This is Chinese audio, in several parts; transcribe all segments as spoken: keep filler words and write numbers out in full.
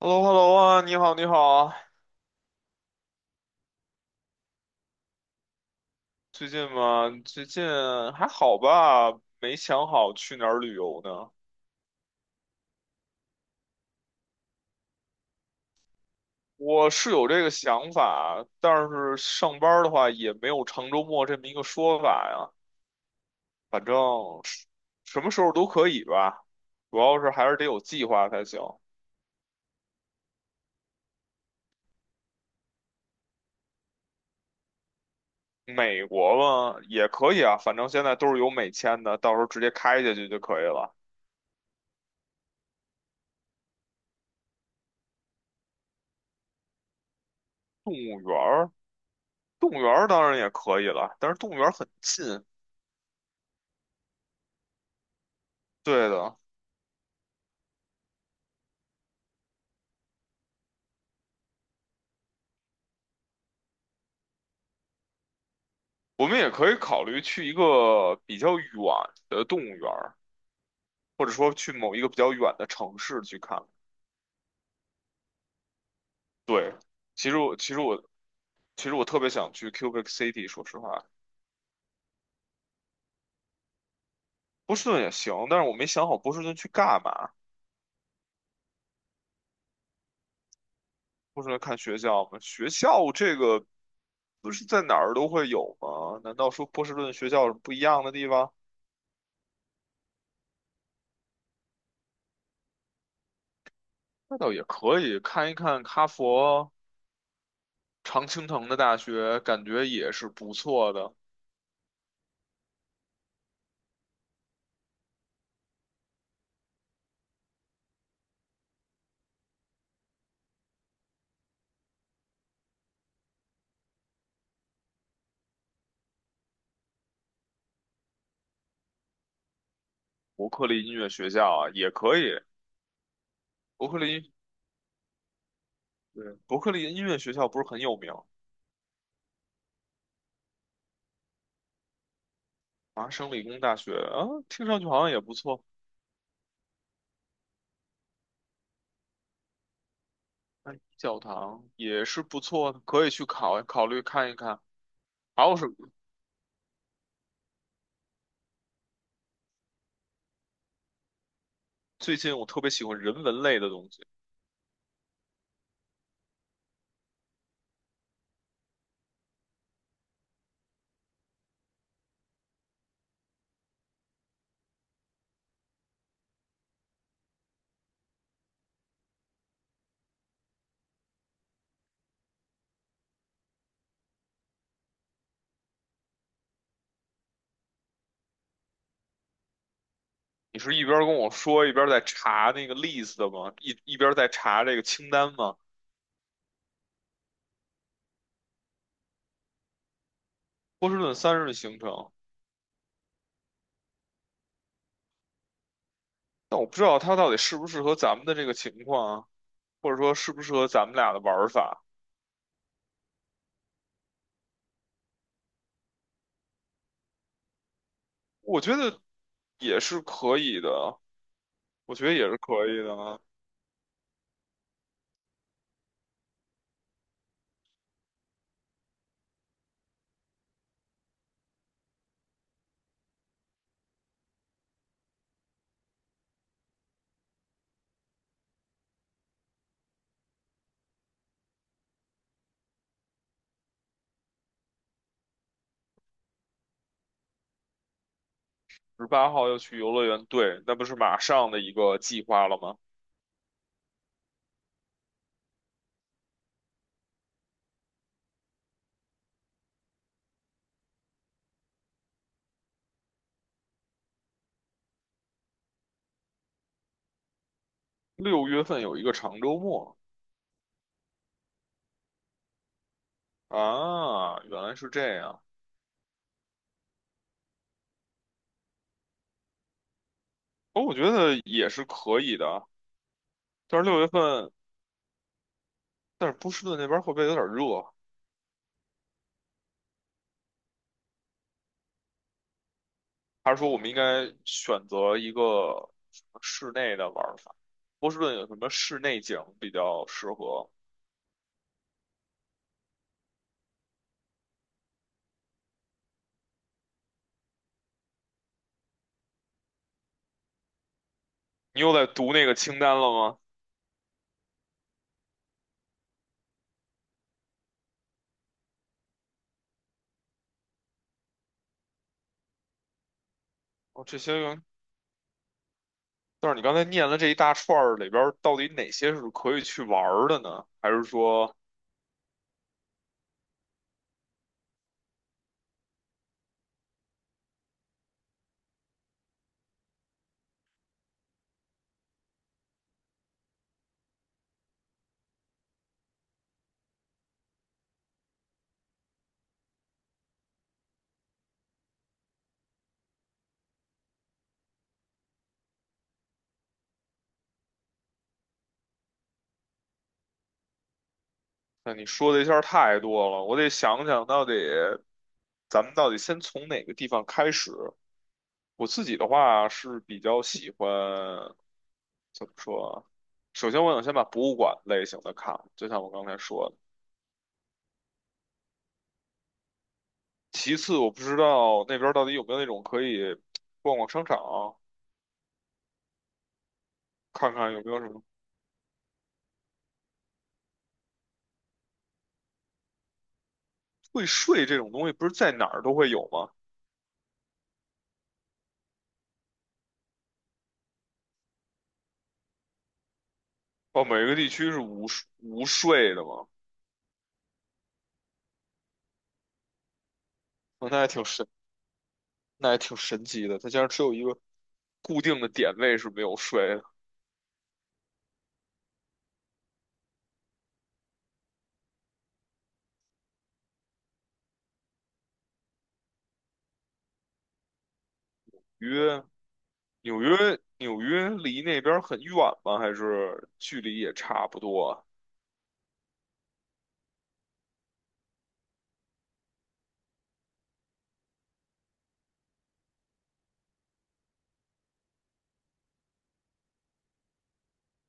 h e l l o h e l l o 啊，你好，你好啊。最近嘛，最近还好吧？没想好去哪儿旅游呢。我是有这个想法，但是上班儿的话也没有长周末这么一个说法呀。反正是什么时候都可以吧，主要是还是得有计划才行。美国嘛也可以啊，反正现在都是有美签的，到时候直接开下去就可以了。动物园儿，动物园儿当然也可以了，但是动物园儿很近。对的。我们也可以考虑去一个比较远的动物园儿，或者说去某一个比较远的城市去看。对，其实我其实我其实我特别想去 Cubic City，说实话，波士顿也行，但是我没想好波士顿去干嘛。波士顿看学校吗？学校这个不是在哪儿都会有吗？难道说波士顿学校有什么不一样的地方？那倒也可以，看一看哈佛、常青藤的大学，感觉也是不错的。伯克利音乐学校啊，也可以。伯克利，对，伯克利音乐学校不是很有名，麻省理工大学啊，听上去好像也不错。哎，教堂也是不错的，可以去考考虑看一看。还有是最近我特别喜欢人文类的东西。你是一边跟我说一边在查那个 list 的吗？一一边在查这个清单吗？波士顿三日的行程，但我不知道它到底适不适合咱们的这个情况啊，或者说适不适合咱们俩的玩法。我觉得也是可以的，我觉得也是可以的啊。十八号要去游乐园，对，那不是马上的一个计划了吗？六月份有一个长周末。啊，原来是这样。哦，我觉得也是可以的，但是六月份，但是波士顿那边会不会有点热？还是说我们应该选择一个什么室内的玩法？波士顿有什么室内景比较适合？你又在读那个清单了吗？哦，这些，但是你刚才念了这一大串儿里边儿，到底哪些是可以去玩儿的呢？还是说？那你说的一下儿太多了，我得想想到底咱们到底先从哪个地方开始。我自己的话是比较喜欢，怎么说啊？首先，我想先把博物馆类型的看了，就像我刚才说的。其次，我不知道那边儿到底有没有那种可以逛逛商场，看看有没有什么退税这种东西，不是在哪儿都会有吗？哦，每个地区是无税无税的吗？哦那还挺神那也挺神奇的。它竟然只有一个固定的点位是没有睡的。约纽约，纽约离那边很远吗？还是距离也差不多啊？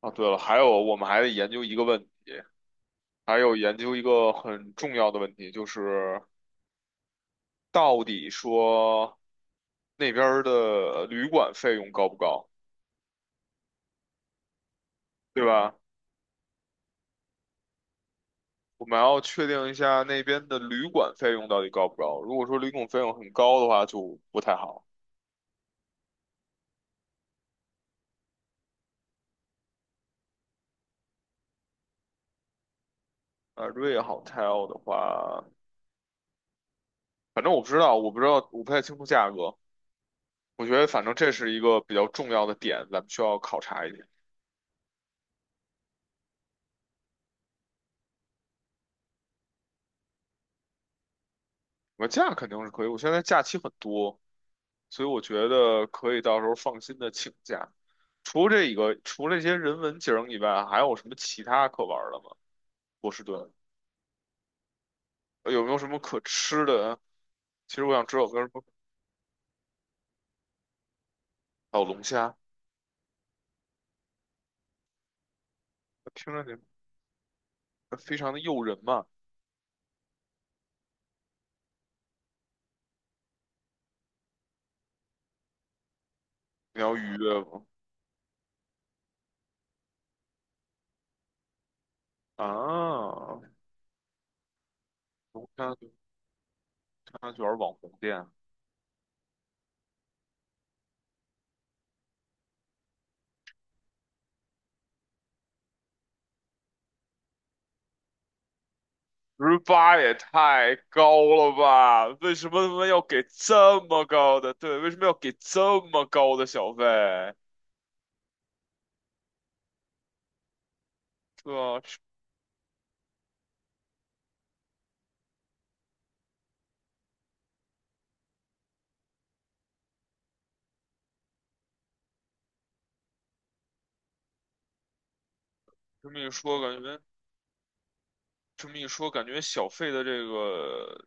啊对了，还有我们还得研究一个问题，还有研究一个很重要的问题，就是到底说那边儿的旅馆费用高不高，对吧？我们要确定一下那边的旅馆费用到底高不高。如果说旅馆费用很高的话，就不太好。呃瑞 a Hotel 的话，反正我不知道，我不知道，我不太清楚价格。我觉得反正这是一个比较重要的点，咱们需要考察一点。我假肯定是可以，我现在假期很多，所以我觉得可以到时候放心的请假。除了这个，除了这些人文景儿以外，还有什么其他可玩儿的吗？波士顿呃有没有什么可吃的？其实我想知道有没有什么还有龙虾，听着你呃非常的诱人嘛。你要预约吗？啊，龙虾。商圈网红店，十八也太高了吧？为什么他们要给这么高的？对，为什么要给这么高的小费？对啊，这么一说，感觉这么一说，感觉小费的这个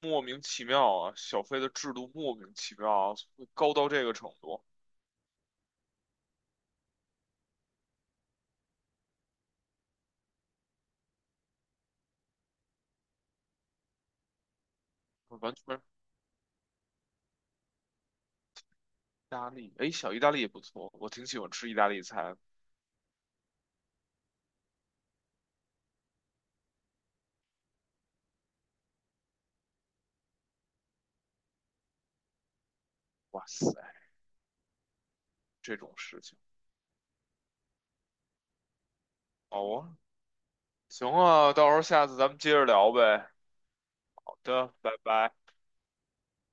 莫名其妙啊，小费的制度莫名其妙啊，会高到这个程度，完全意大利，哎，小意大利也不错，我挺喜欢吃意大利菜。哇塞，这种事情，好啊，行啊，到时候下次咱们接着聊呗。好的，拜拜。